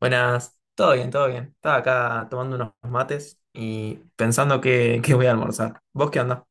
Buenas, todo bien, todo bien. Estaba acá tomando unos mates y pensando que voy a almorzar. ¿Vos qué onda?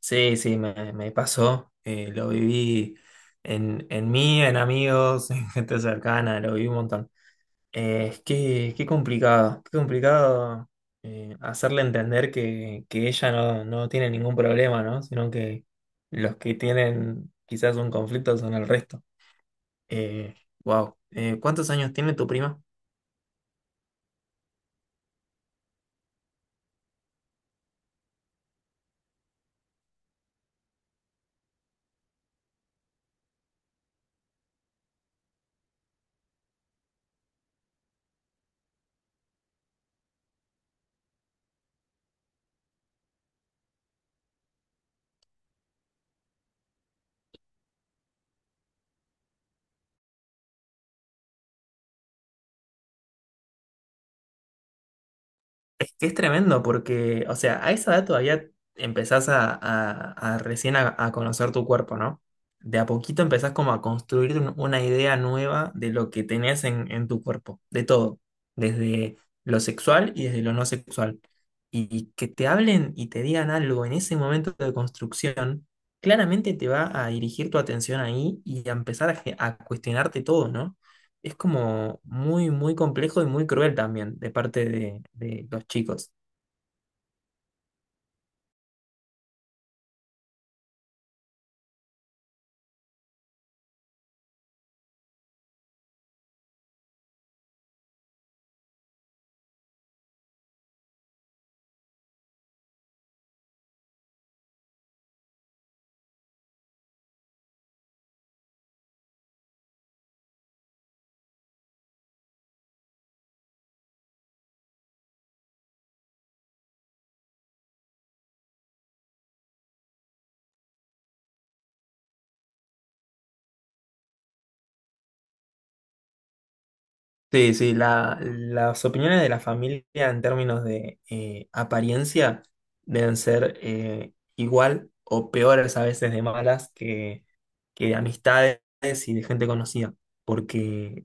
Sí, sí, me pasó. Lo viví en mí, en amigos, en gente cercana, lo viví un montón. Es que qué complicado, qué complicado, hacerle entender que ella no tiene ningún problema, ¿no? Sino que los que tienen quizás un conflicto son el resto. Eh, wow. ¿Cuántos años tiene tu prima? Es que es tremendo porque, o sea, a esa edad todavía empezás a recién a conocer tu cuerpo, ¿no? De a poquito empezás como a construir una idea nueva de lo que tenés en tu cuerpo, de todo, desde lo sexual y desde lo no sexual. Y que te hablen y te digan algo en ese momento de construcción, claramente te va a dirigir tu atención ahí y a empezar a cuestionarte todo, ¿no? Es como muy, muy complejo y muy cruel también de parte de los chicos. Sí, sí, las opiniones de la familia en términos de apariencia deben ser igual o peores a veces de malas que de amistades y de gente conocida. Porque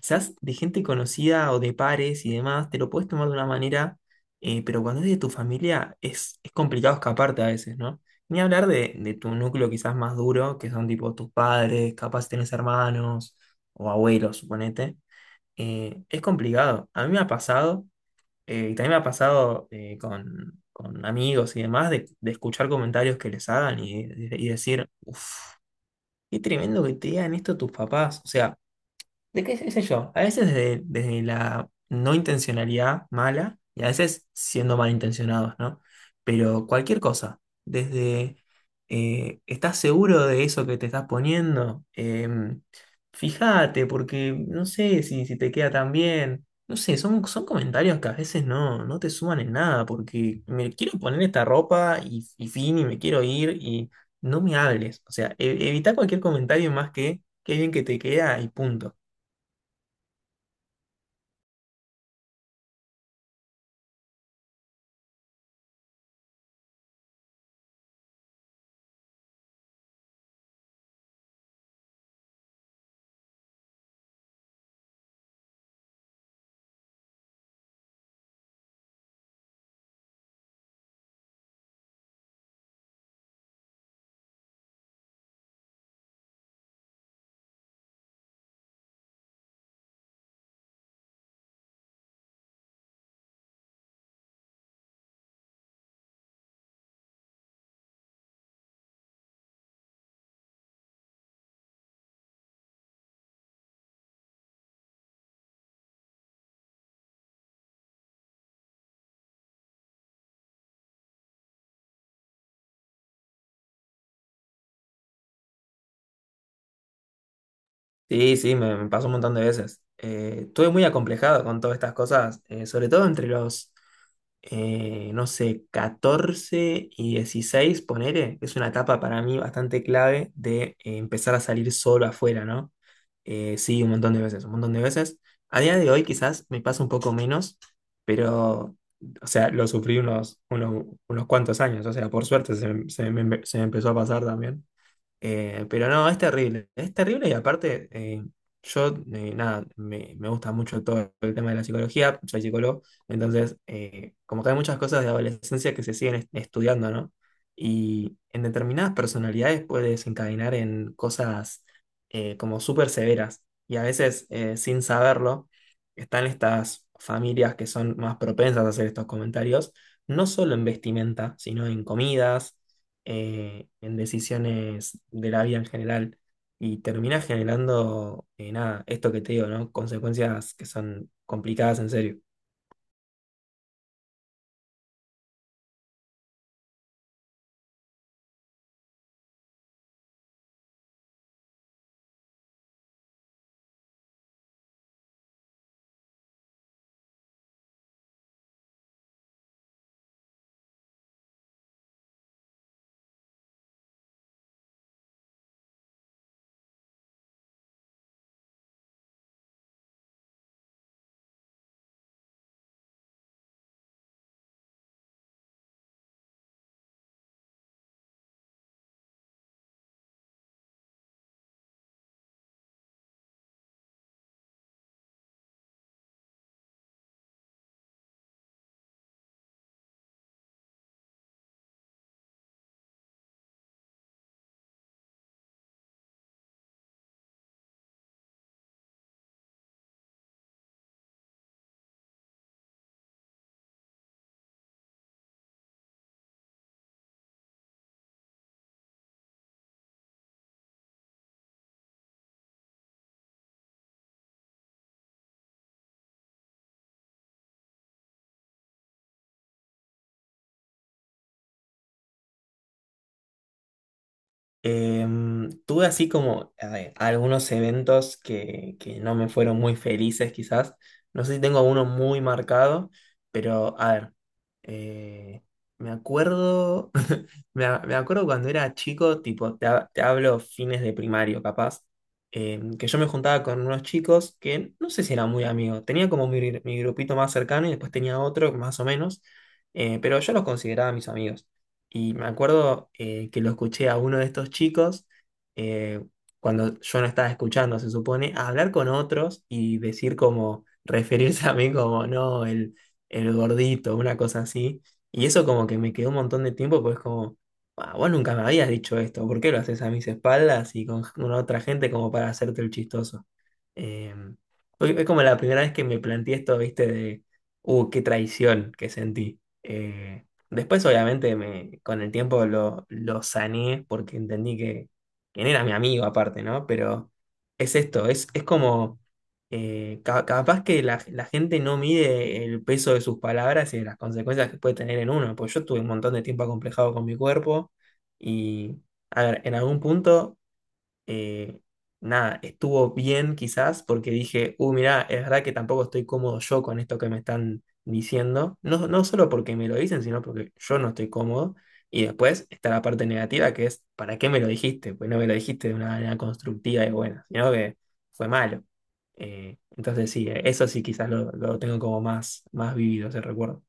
quizás de gente conocida o de pares y demás te lo puedes tomar de una manera, pero cuando es de tu familia es complicado escaparte a veces, ¿no? Ni hablar de tu núcleo quizás más duro, que son tipo tus padres, capaz tenés hermanos o abuelos, suponete, es complicado. A mí me ha pasado, y también me ha pasado, con, amigos y demás, de escuchar comentarios que les hagan y decir, uff, qué tremendo que te digan esto tus papás. O sea, ¿Qué sé yo? A veces desde la no intencionalidad mala y a veces siendo malintencionados, ¿no? Pero cualquier cosa, desde, ¿estás seguro de eso que te estás poniendo? Em, Fíjate, porque no sé si te queda tan bien. No sé, son comentarios que a veces no te suman en nada, porque me quiero poner esta ropa y fin, y me quiero ir y no me hables. O sea, evita cualquier comentario más que qué bien que te queda y punto. Sí, sí, me pasó un montón de veces. Estuve muy acomplejado con todas estas cosas, sobre todo entre los, no sé, 14 y 16, ponele, que es una etapa para mí bastante clave de empezar a salir solo afuera, ¿no? Sí, un montón de veces, un montón de veces. A día de hoy quizás me pasa un poco menos, pero, o sea, lo sufrí unos cuantos años, o sea, por suerte se me empezó a pasar también. Pero no, es terrible. Es terrible y aparte, yo, nada, me gusta mucho todo el tema de la psicología, soy psicólogo, entonces, como que hay muchas cosas de adolescencia que se siguen estudiando, ¿no? Y en determinadas personalidades puede desencadenar en cosas, como súper severas y a veces, sin saberlo, están estas familias que son más propensas a hacer estos comentarios, no solo en vestimenta, sino en comidas, en decisiones de la vida en general y termina generando, nada, esto que te digo, ¿no? Consecuencias que son complicadas en serio. Tuve, así como a ver, algunos eventos que no me fueron muy felices quizás. No sé si tengo uno muy marcado, pero a ver, eh, me acuerdo, me acuerdo cuando era chico, tipo, te hablo fines de primario capaz, que yo me juntaba con unos chicos que no sé si eran muy amigos. Tenía como mi grupito más cercano y después tenía otro más o menos, pero yo los consideraba mis amigos. Y me acuerdo, que lo escuché a uno de estos chicos, eh, cuando yo no estaba escuchando, se supone, a hablar con otros y decir como, referirse a mí como, no, el gordito, una cosa así. Y eso como que me quedó un montón de tiempo, pues como, "Ah, vos nunca me habías dicho esto, ¿por qué lo haces a mis espaldas y con, otra gente como para hacerte el chistoso?" Eh, es como la primera vez que me planteé esto, viste. Qué traición que sentí. Después, obviamente, con el tiempo lo sané porque entendí que quién era mi amigo aparte, ¿no? Pero es esto, es como, capaz que la gente no mide el peso de sus palabras y de las consecuencias que puede tener en uno. Pues yo tuve un montón de tiempo acomplejado con mi cuerpo y, a ver, en algún punto, eh, nada, estuvo bien quizás porque dije, mirá, es verdad que tampoco estoy cómodo yo con esto que me están diciendo, no, no solo porque me lo dicen, sino porque yo no estoy cómodo. Y después está la parte negativa que es, ¿para qué me lo dijiste? Pues no me lo dijiste de una manera constructiva y buena, sino que fue malo. Entonces sí, eso sí quizás lo tengo como más, más vivido ese recuerdo.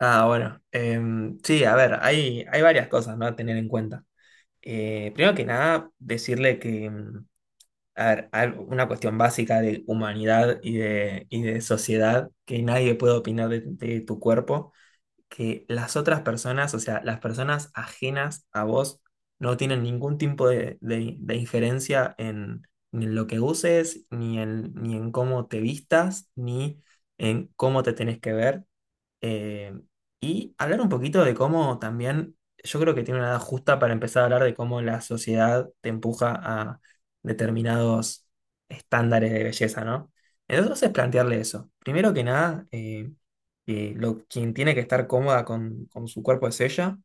Ah, bueno. Sí, a ver, hay varias cosas, ¿no?, a tener en cuenta. Primero que nada, decirle que, a ver, una cuestión básica de humanidad y y de sociedad, que nadie puede opinar de, tu cuerpo, que las otras personas, o sea, las personas ajenas a vos, no tienen ningún tipo de injerencia en, ni en lo que uses, ni en cómo te vistas, ni en cómo te tenés que ver. Eh, y hablar un poquito de cómo también, yo creo que tiene una edad justa para empezar a hablar de cómo la sociedad te empuja a determinados estándares de belleza, ¿no? Entonces plantearle eso. Primero que nada, que quien tiene que estar cómoda con, su cuerpo es ella,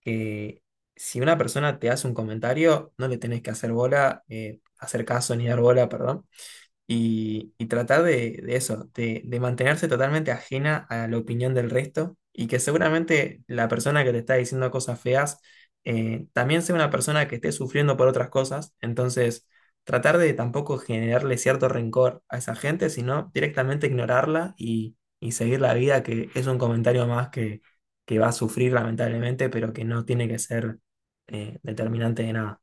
que si una persona te hace un comentario, no le tenés que hacer bola, hacer caso ni dar bola, perdón, y, tratar de, eso, de mantenerse totalmente ajena a la opinión del resto y que seguramente la persona que te está diciendo cosas feas, también sea una persona que esté sufriendo por otras cosas. Entonces, tratar de tampoco generarle cierto rencor a esa gente, sino directamente ignorarla y, seguir la vida, que es un comentario más, que va a sufrir lamentablemente, pero que no tiene que ser, determinante de nada.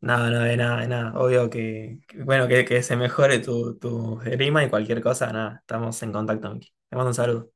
No, no, de nada, de nada. Obvio que se mejore tu rima y cualquier cosa, nada. Estamos en contacto, Miki. Te mando un saludo.